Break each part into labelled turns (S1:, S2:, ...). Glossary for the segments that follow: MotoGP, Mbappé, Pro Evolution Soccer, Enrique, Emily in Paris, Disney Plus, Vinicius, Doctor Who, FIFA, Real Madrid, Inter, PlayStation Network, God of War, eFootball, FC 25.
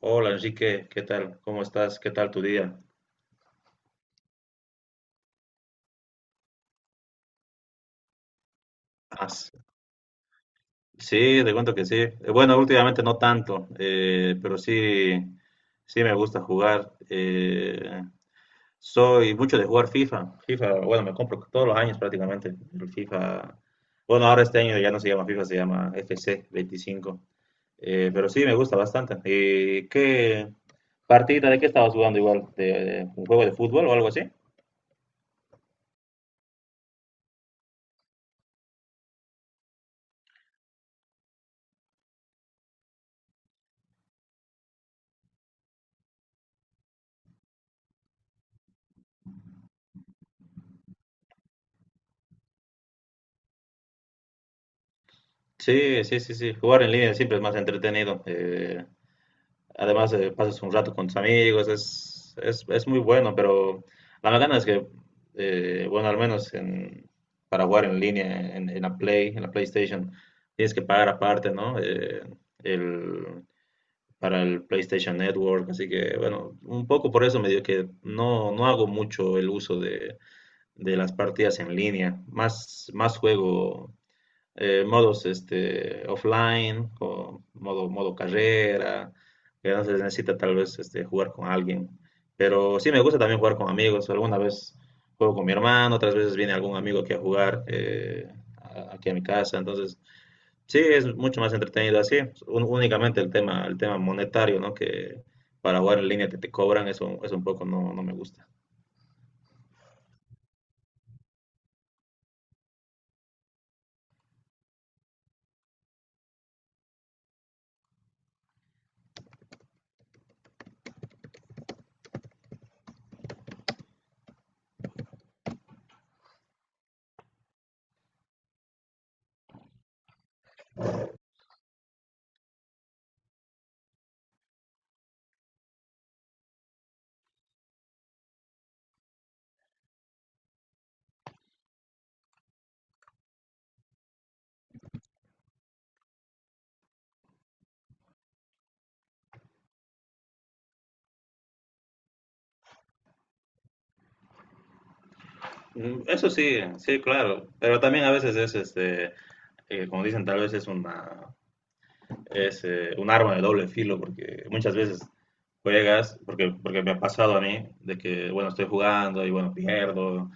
S1: Hola Enrique, ¿qué tal? ¿Cómo estás? ¿Qué tal tu día? Ah, s- sí, te cuento que sí. Bueno, últimamente no tanto, pero sí, sí me gusta jugar. Soy mucho de jugar FIFA. FIFA, bueno, me compro todos los años prácticamente. El FIFA, bueno, ahora este año ya no se llama FIFA, se llama FC 25. Pero sí, me gusta bastante. ¿Y qué partida de qué estabas jugando igual? ¿De un juego de fútbol o algo así? Sí, sí, sí, sí. Jugar en línea siempre es más entretenido. Además, pasas un rato con tus amigos, es muy bueno, pero la verdad es bueno, al menos para jugar en línea, en la Play, en la PlayStation, tienes que pagar aparte, ¿no? El, para el PlayStation Network, así que, bueno, un poco por eso me dio que no, no hago mucho el uso de las partidas en línea. Más, más juego modos este, offline, o modo, modo carrera, que no se necesita tal vez este, jugar con alguien. Pero sí me gusta también jugar con amigos. Alguna vez juego con mi hermano, otras veces viene algún amigo aquí a jugar aquí a mi casa. Entonces, sí, es mucho más entretenido así. Únicamente el tema monetario, ¿no? Que para jugar en línea te cobran, eso un poco no, no me gusta. Mm, eso sí, sí, claro. Pero también a veces este, como dicen, tal vez es una, es un arma de doble filo porque muchas veces porque me ha pasado a mí, de que, bueno, estoy jugando y, bueno, pierdo,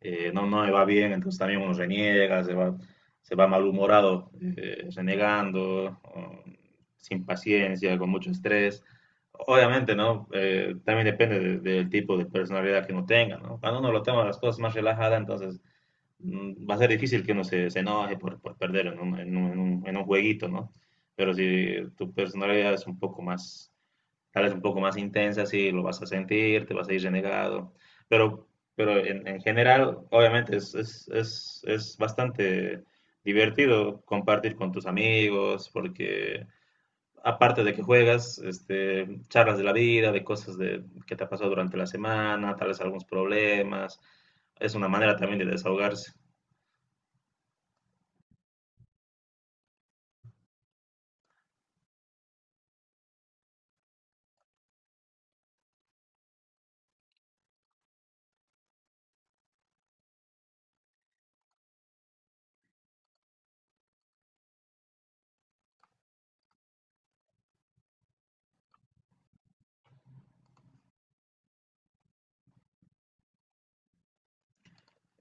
S1: no, no me va bien, entonces también uno reniega, se va malhumorado, renegando, o sin paciencia, con mucho estrés. Obviamente, ¿no? También depende del tipo de personalidad que uno tenga, ¿no? Cuando uno lo toma las cosas más relajadas, entonces va a ser difícil que uno se enoje por perder en un, en un jueguito, ¿no? Pero si tu personalidad es un poco tal vez un poco más intensa, sí, lo vas a sentir, te vas a ir renegado. Pero, pero en general, obviamente, es bastante divertido compartir con tus amigos, porque aparte de que juegas, este, charlas de la vida, de cosas de, que te ha pasado durante la semana, tal vez algunos problemas. Es una manera también de desahogarse.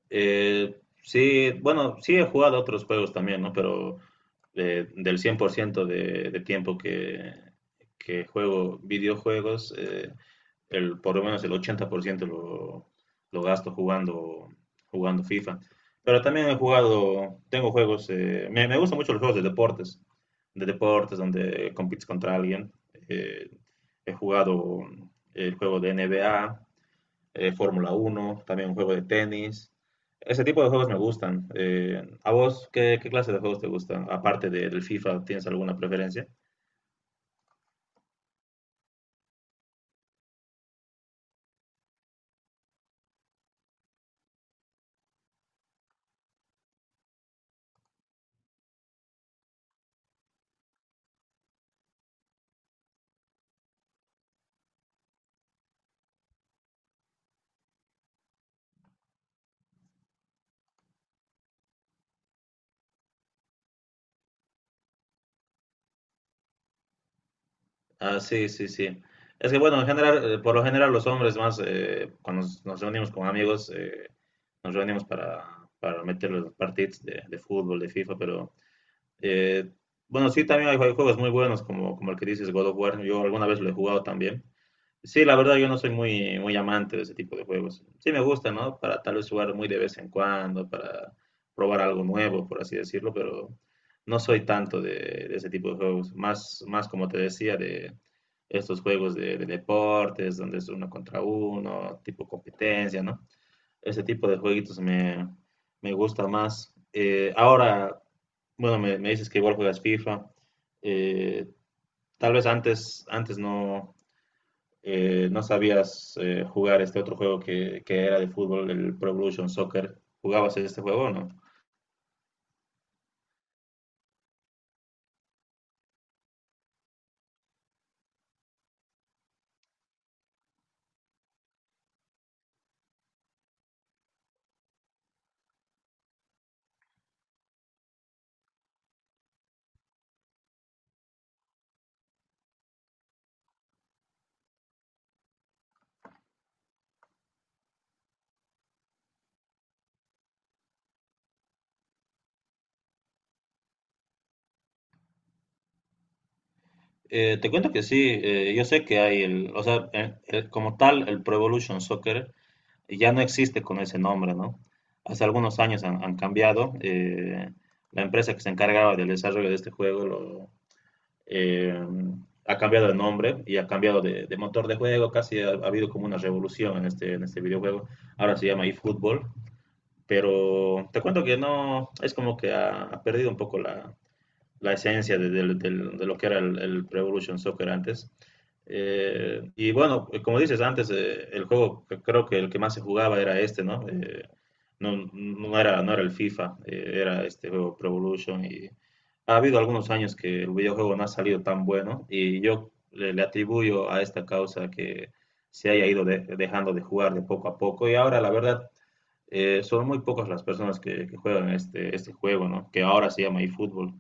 S1: Sí, bueno, sí he jugado a otros juegos también, ¿no? Pero del 100% de tiempo que juego videojuegos, por lo menos el 80% lo gasto jugando, jugando FIFA. Pero también he jugado, tengo juegos, me gustan mucho los juegos de deportes donde compites contra alguien. Eh, He jugado el juego de NBA, Fórmula uno, también un juego de tenis. Ese tipo de juegos me gustan. ¿A vos qué, qué clase de juegos te gustan? Aparte del FIFA, ¿tienes alguna preferencia? Ah, sí, sí, sí. Es que bueno, en general, por lo general los hombres más, cuando nos reunimos con amigos, nos reunimos para meter los partidos de fútbol, de FIFA, pero eh, bueno, sí, también hay juegos muy buenos como, como el que dices, God of War. Yo alguna vez lo he jugado también. Sí, la verdad yo no soy muy, muy amante de ese tipo de juegos. Sí me gusta, ¿no? Para tal vez jugar muy de vez en cuando, para probar algo nuevo, por así decirlo, pero no soy tanto de ese tipo de juegos. Más, más como te decía, de estos juegos de deportes, donde es uno contra uno, tipo competencia, ¿no? Ese tipo de jueguitos me gusta más. Ahora, bueno, me dices que igual juegas FIFA. Eh, Tal vez antes, antes no no sabías jugar este otro juego que era de fútbol, el Pro Evolution Soccer. ¿Jugabas este juego o no? Te cuento que sí, yo sé que hay el, o sea, como tal, el Pro Evolution Soccer ya no existe con ese nombre, ¿no? Hace algunos años han, han cambiado. La empresa que se encargaba del desarrollo de este juego, eh, ha cambiado de nombre y ha cambiado de motor de juego. Casi ha, ha habido como una revolución en este videojuego. Ahora se llama eFootball. Pero te cuento que no, es como que ha, ha perdido un poco la esencia de lo que era el Pro Evolution Soccer antes. Y bueno, como dices antes, el juego que creo que el que más se jugaba era este, ¿no? No era, no era el FIFA, era este juego Pro Evolution y ha habido algunos años que el videojuego no ha salido tan bueno y yo le atribuyo a esta causa que se haya ido dejando de jugar de poco a poco y ahora la verdad son muy pocas las personas que juegan este, este juego, ¿no? Que ahora se llama eFootball.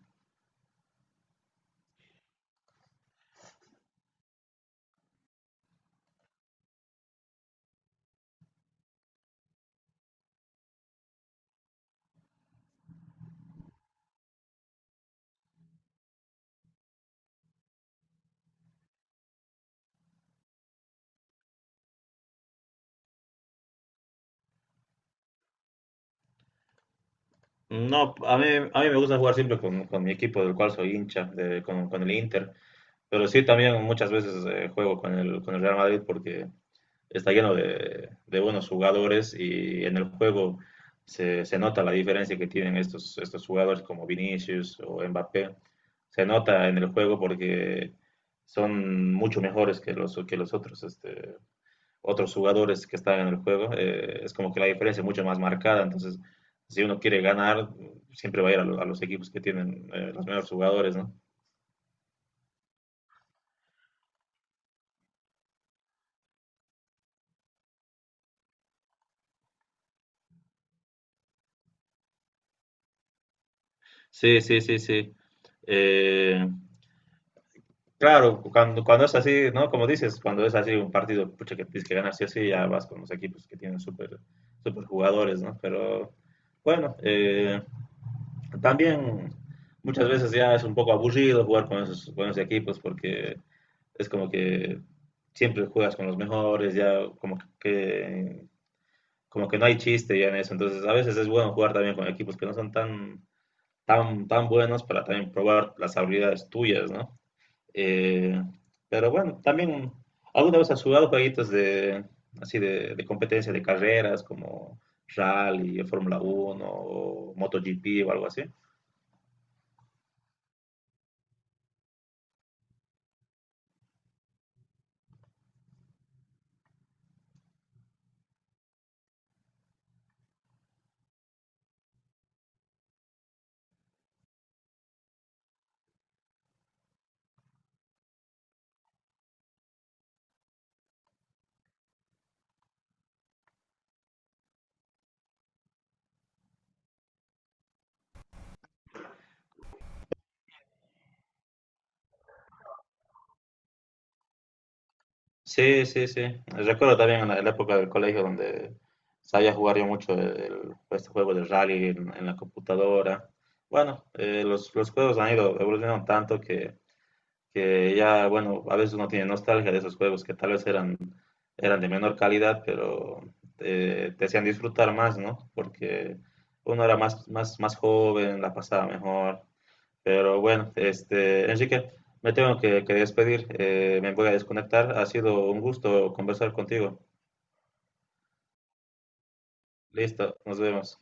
S1: No, a mí me gusta jugar siempre con mi equipo del cual soy hincha, con el Inter, pero sí también muchas veces juego con el Real Madrid porque está lleno de buenos jugadores y en el juego se nota la diferencia que tienen estos, estos jugadores como Vinicius o Mbappé. Se nota en el juego porque son mucho mejores que que los otros este, otros jugadores que están en el juego, es como que la diferencia es mucho más marcada. Entonces, si uno quiere ganar, siempre va a ir a, a los equipos que tienen los mejores jugadores, ¿no? Sí, sí, sí, sí. Eh, claro, cuando, cuando es así, ¿no? Como dices, cuando es así un partido, pucha, que tienes que ganar sí o sí, ya vas con los equipos que tienen súper súper jugadores, ¿no? Pero bueno, también muchas veces ya es un poco aburrido jugar con esos equipos porque es como que siempre juegas con los mejores, ya como como que no hay chiste ya en eso. Entonces a veces es bueno jugar también con equipos que no son tan, tan, tan buenos para también probar las habilidades tuyas, ¿no? Eh, pero bueno, también alguna vez has jugado jueguitos así de competencia de carreras como rally, Fórmula uno o MotoGP o algo así. Sí, sí, sí. Recuerdo también en la época del colegio donde sabía jugar yo mucho este juego de rally en la computadora. Bueno, los juegos han ido evolucionando tanto que ya, bueno, a veces uno tiene nostalgia de esos juegos que tal vez eran de menor calidad, pero te hacían disfrutar más, ¿no? Porque uno era más, más, más joven, la pasaba mejor. Pero bueno, este, Enrique, me tengo que despedir. Me voy a desconectar. Ha sido un gusto conversar contigo. Listo, nos vemos.